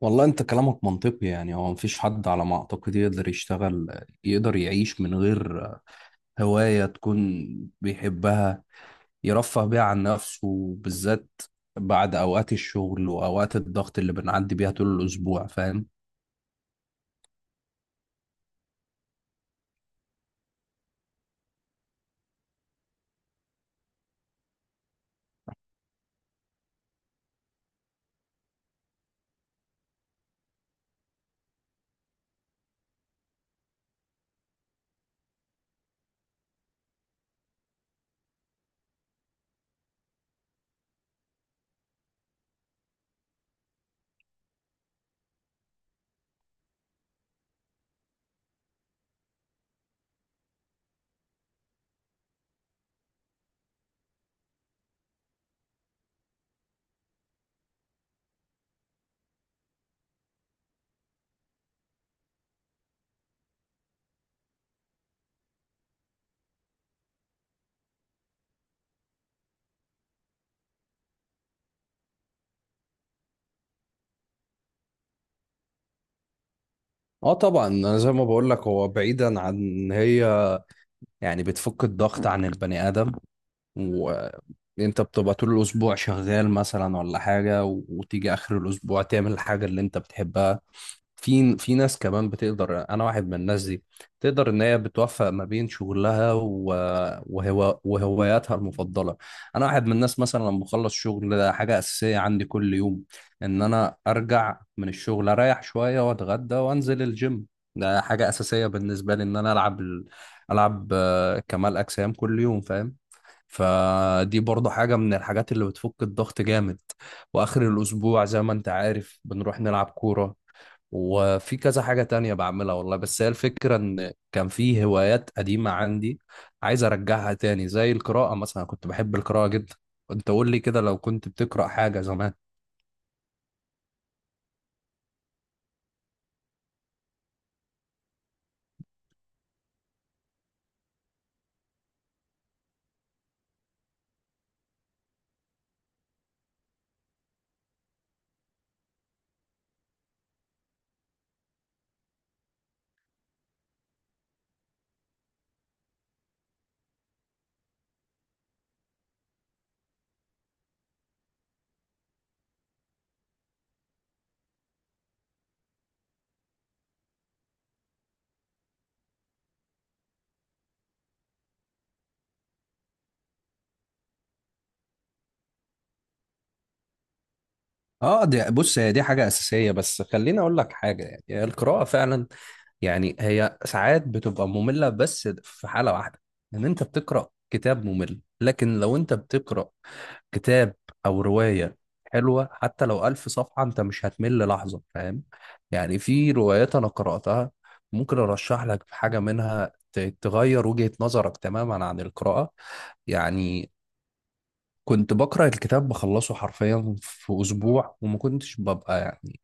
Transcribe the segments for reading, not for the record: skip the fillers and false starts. والله انت كلامك منطقي. يعني هو مفيش حد على ما اعتقد يقدر يشتغل يقدر يعيش من غير هواية تكون بيحبها يرفه بيها عن نفسه، بالذات بعد اوقات الشغل واوقات الضغط اللي بنعدي بيها طول الاسبوع، فاهم؟ اه طبعا، انا زي ما بقول لك هو بعيدا عن ان هي يعني بتفك الضغط عن البني ادم. وانت بتبقى طول الاسبوع شغال مثلا ولا حاجة، وتيجي اخر الاسبوع تعمل الحاجة اللي انت بتحبها. في ناس كمان بتقدر، انا واحد من الناس دي، تقدر ان هي بتوفق ما بين شغلها وهواياتها المفضله. انا واحد من الناس مثلا لما بخلص شغل، ده حاجه اساسيه عندي كل يوم، ان انا ارجع من الشغل اريح شويه واتغدى وانزل الجيم. ده حاجه اساسيه بالنسبه لي ان انا العب العب كمال اجسام كل يوم، فاهم؟ فدي برضه حاجة من الحاجات اللي بتفك الضغط جامد. وآخر الأسبوع زي ما أنت عارف بنروح نلعب كورة. وفي كذا حاجة تانية بعملها والله. بس هي الفكرة إن كان في هوايات قديمة عندي عايز أرجعها تاني زي القراءة مثلا، كنت بحب القراءة جدا. أنت قول لي كده، لو كنت بتقرأ حاجة زمان. اه دي بص، هي دي حاجة أساسية. بس خليني أقول لك حاجة، يعني القراءة فعلا يعني هي ساعات بتبقى مملة، بس في حالة واحدة، إن أنت بتقرأ كتاب ممل. لكن لو أنت بتقرأ كتاب او روايه حلوه، حتى لو الف صفحه انت مش هتمل لحظه، فاهم؟ يعني في روايات انا قراتها ممكن ارشح لك حاجه منها تغير وجهه نظرك تماما عن القراءه. يعني كنت بقرا الكتاب بخلصه حرفيا في اسبوع، وما كنتش ببقى يعني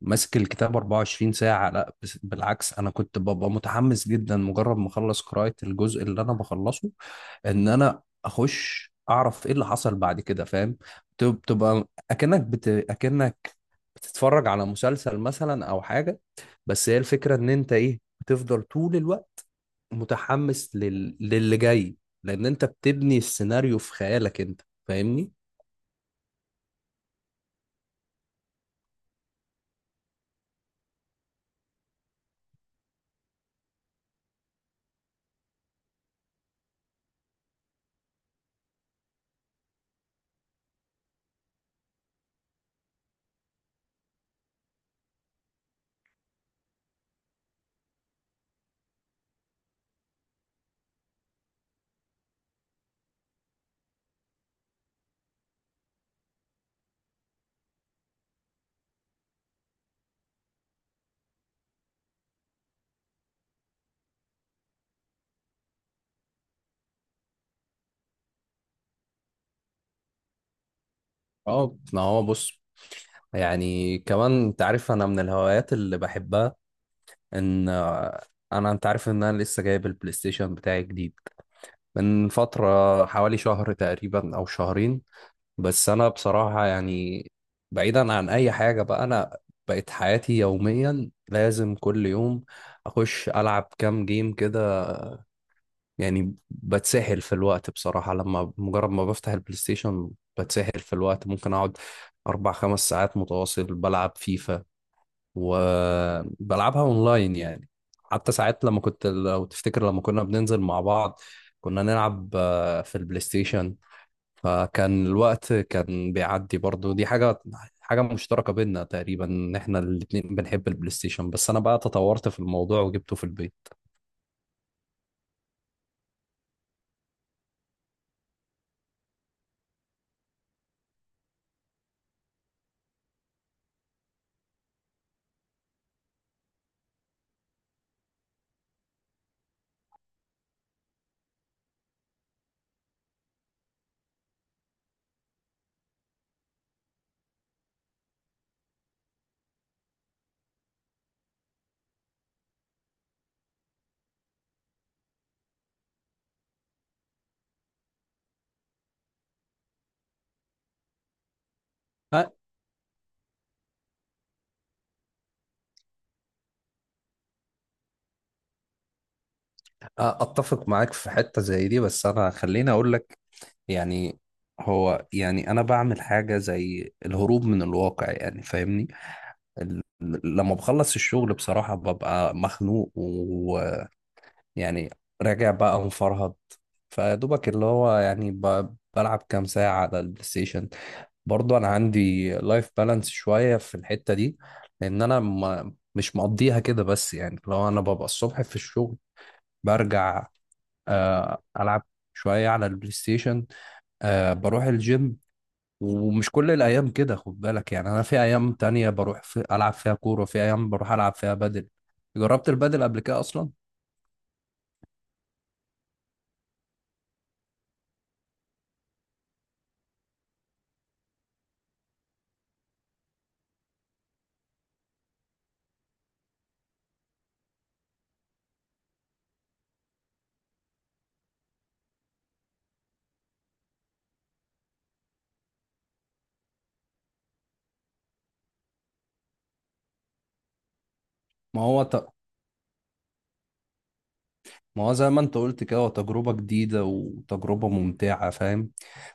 ماسك الكتاب 24 ساعة، لا بالعكس، أنا كنت ببقى متحمس جدا مجرد ما أخلص قراءة الجزء اللي أنا بخلصه إن أنا أخش أعرف إيه اللي حصل بعد كده، فاهم؟ بتبقى أكنك بتتفرج على مسلسل مثلا أو حاجة. بس هي الفكرة إن أنت إيه بتفضل طول الوقت متحمس للي جاي، لأن أنت بتبني السيناريو في خيالك، أنت فاهمني؟ أه ما هو بص، يعني كمان أنت عارف أنا من الهوايات اللي بحبها ان انا انت عارف ان انا لسه جايب البلاي ستيشن بتاعي جديد من فترة، حوالي شهر تقريبا او شهرين. بس انا بصراحة يعني بعيدا عن اي حاجة بقى، انا بقت حياتي يوميا لازم كل يوم اخش العب كام جيم كده. يعني بتسحل في الوقت بصراحة، لما مجرد ما بفتح البلاي ستيشن بتسحل في الوقت. ممكن اقعد اربع خمس ساعات متواصل بلعب فيفا، وبلعبها اونلاين يعني. حتى ساعات لما كنت، لو تفتكر لما كنا بننزل مع بعض كنا نلعب في البلاي ستيشن، فكان الوقت كان بيعدي. برضو دي حاجة، حاجة مشتركة بينا تقريبا ان احنا الاتنين بنحب البلاي ستيشن. بس انا بقى تطورت في الموضوع وجبته في البيت. أ- اتفق معاك في حتة زي دي. بس انا خليني اقول لك يعني، هو يعني انا بعمل حاجة زي الهروب من الواقع، يعني فاهمني؟ ال- لما بخلص الشغل بصراحة ببقى مخنوق، ويعني راجع بقى مفرهد، فدوبك اللي هو يعني بلعب كام ساعة على البلاي ستيشن. برضه أنا عندي لايف بالانس شوية في الحتة دي، لأن أنا ما مش مقضيها كده. بس يعني لو أنا ببقى الصبح في الشغل برجع، ألعب شوية على البلاي ستيشن، بروح الجيم. ومش كل الايام كده خد بالك، يعني انا في ايام تانية بروح في العب فيها كورة، في ايام بروح العب فيها بدل. جربت البدل قبل كده اصلا. ما هو ت... ما هو زي ما انت قلت كده، هو تجربة جديدة وتجربة ممتعة، فاهم؟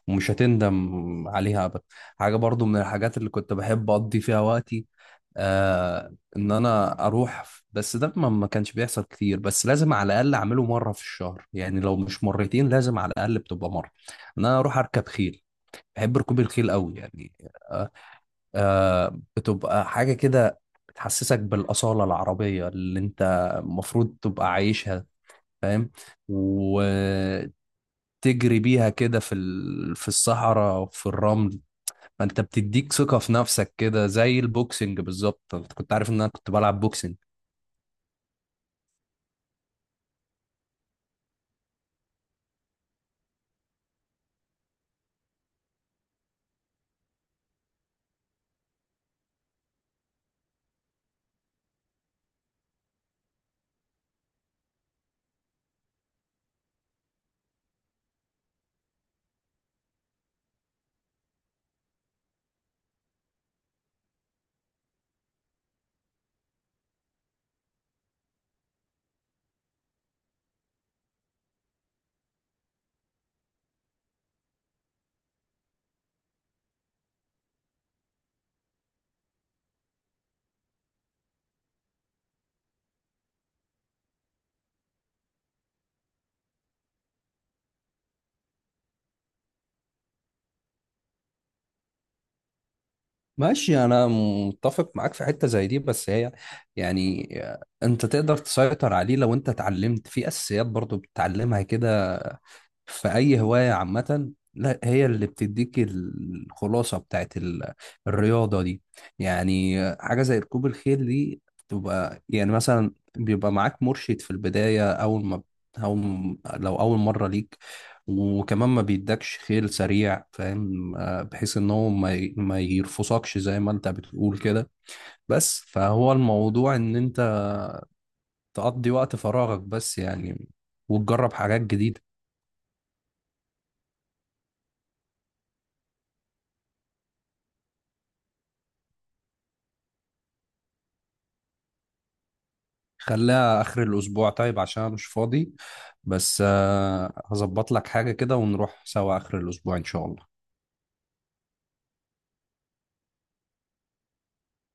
ومش هتندم عليها ابدا. حاجة برضو من الحاجات اللي كنت بحب اقضي فيها وقتي، آه، ان انا اروح بس ده ما كانش بيحصل كتير، بس لازم على الاقل اعمله مره في الشهر، يعني لو مش مرتين لازم على الاقل بتبقى مره، ان انا اروح اركب خيل. بحب ركوب الخيل قوي يعني. آه. آه بتبقى حاجة كده بتحسسك بالأصالة العربية اللي أنت المفروض تبقى عايشها، فاهم؟ وتجري بيها كده في في الصحراء وفي الرمل، فأنت بتديك ثقة في نفسك كده، زي البوكسنج بالظبط. أنت كنت عارف إن أنا كنت بلعب بوكسنج. ماشي. أنا متفق معاك في حتة زي دي، بس هي يعني أنت تقدر تسيطر عليه لو أنت اتعلمت في أساسيات، برضو بتتعلمها كده في اي هوايه عامه، لا هي اللي بتديك الخلاصه بتاعت الرياضه دي. يعني حاجه زي ركوب الخيل دي بتبقى يعني مثلا بيبقى معاك مرشد في البدايه اول ما، أو لو أول مرة ليك، وكمان ما بيدكش خيل سريع، فاهم؟ بحيث إن هو ما يرفسكش زي ما أنت بتقول كده. بس فهو الموضوع إن أنت تقضي وقت فراغك، بس يعني وتجرب حاجات جديدة. خليها آخر الأسبوع طيب عشان أنا مش فاضي. بس هظبط لك حاجة كده ونروح سوا آخر الأسبوع إن شاء الله.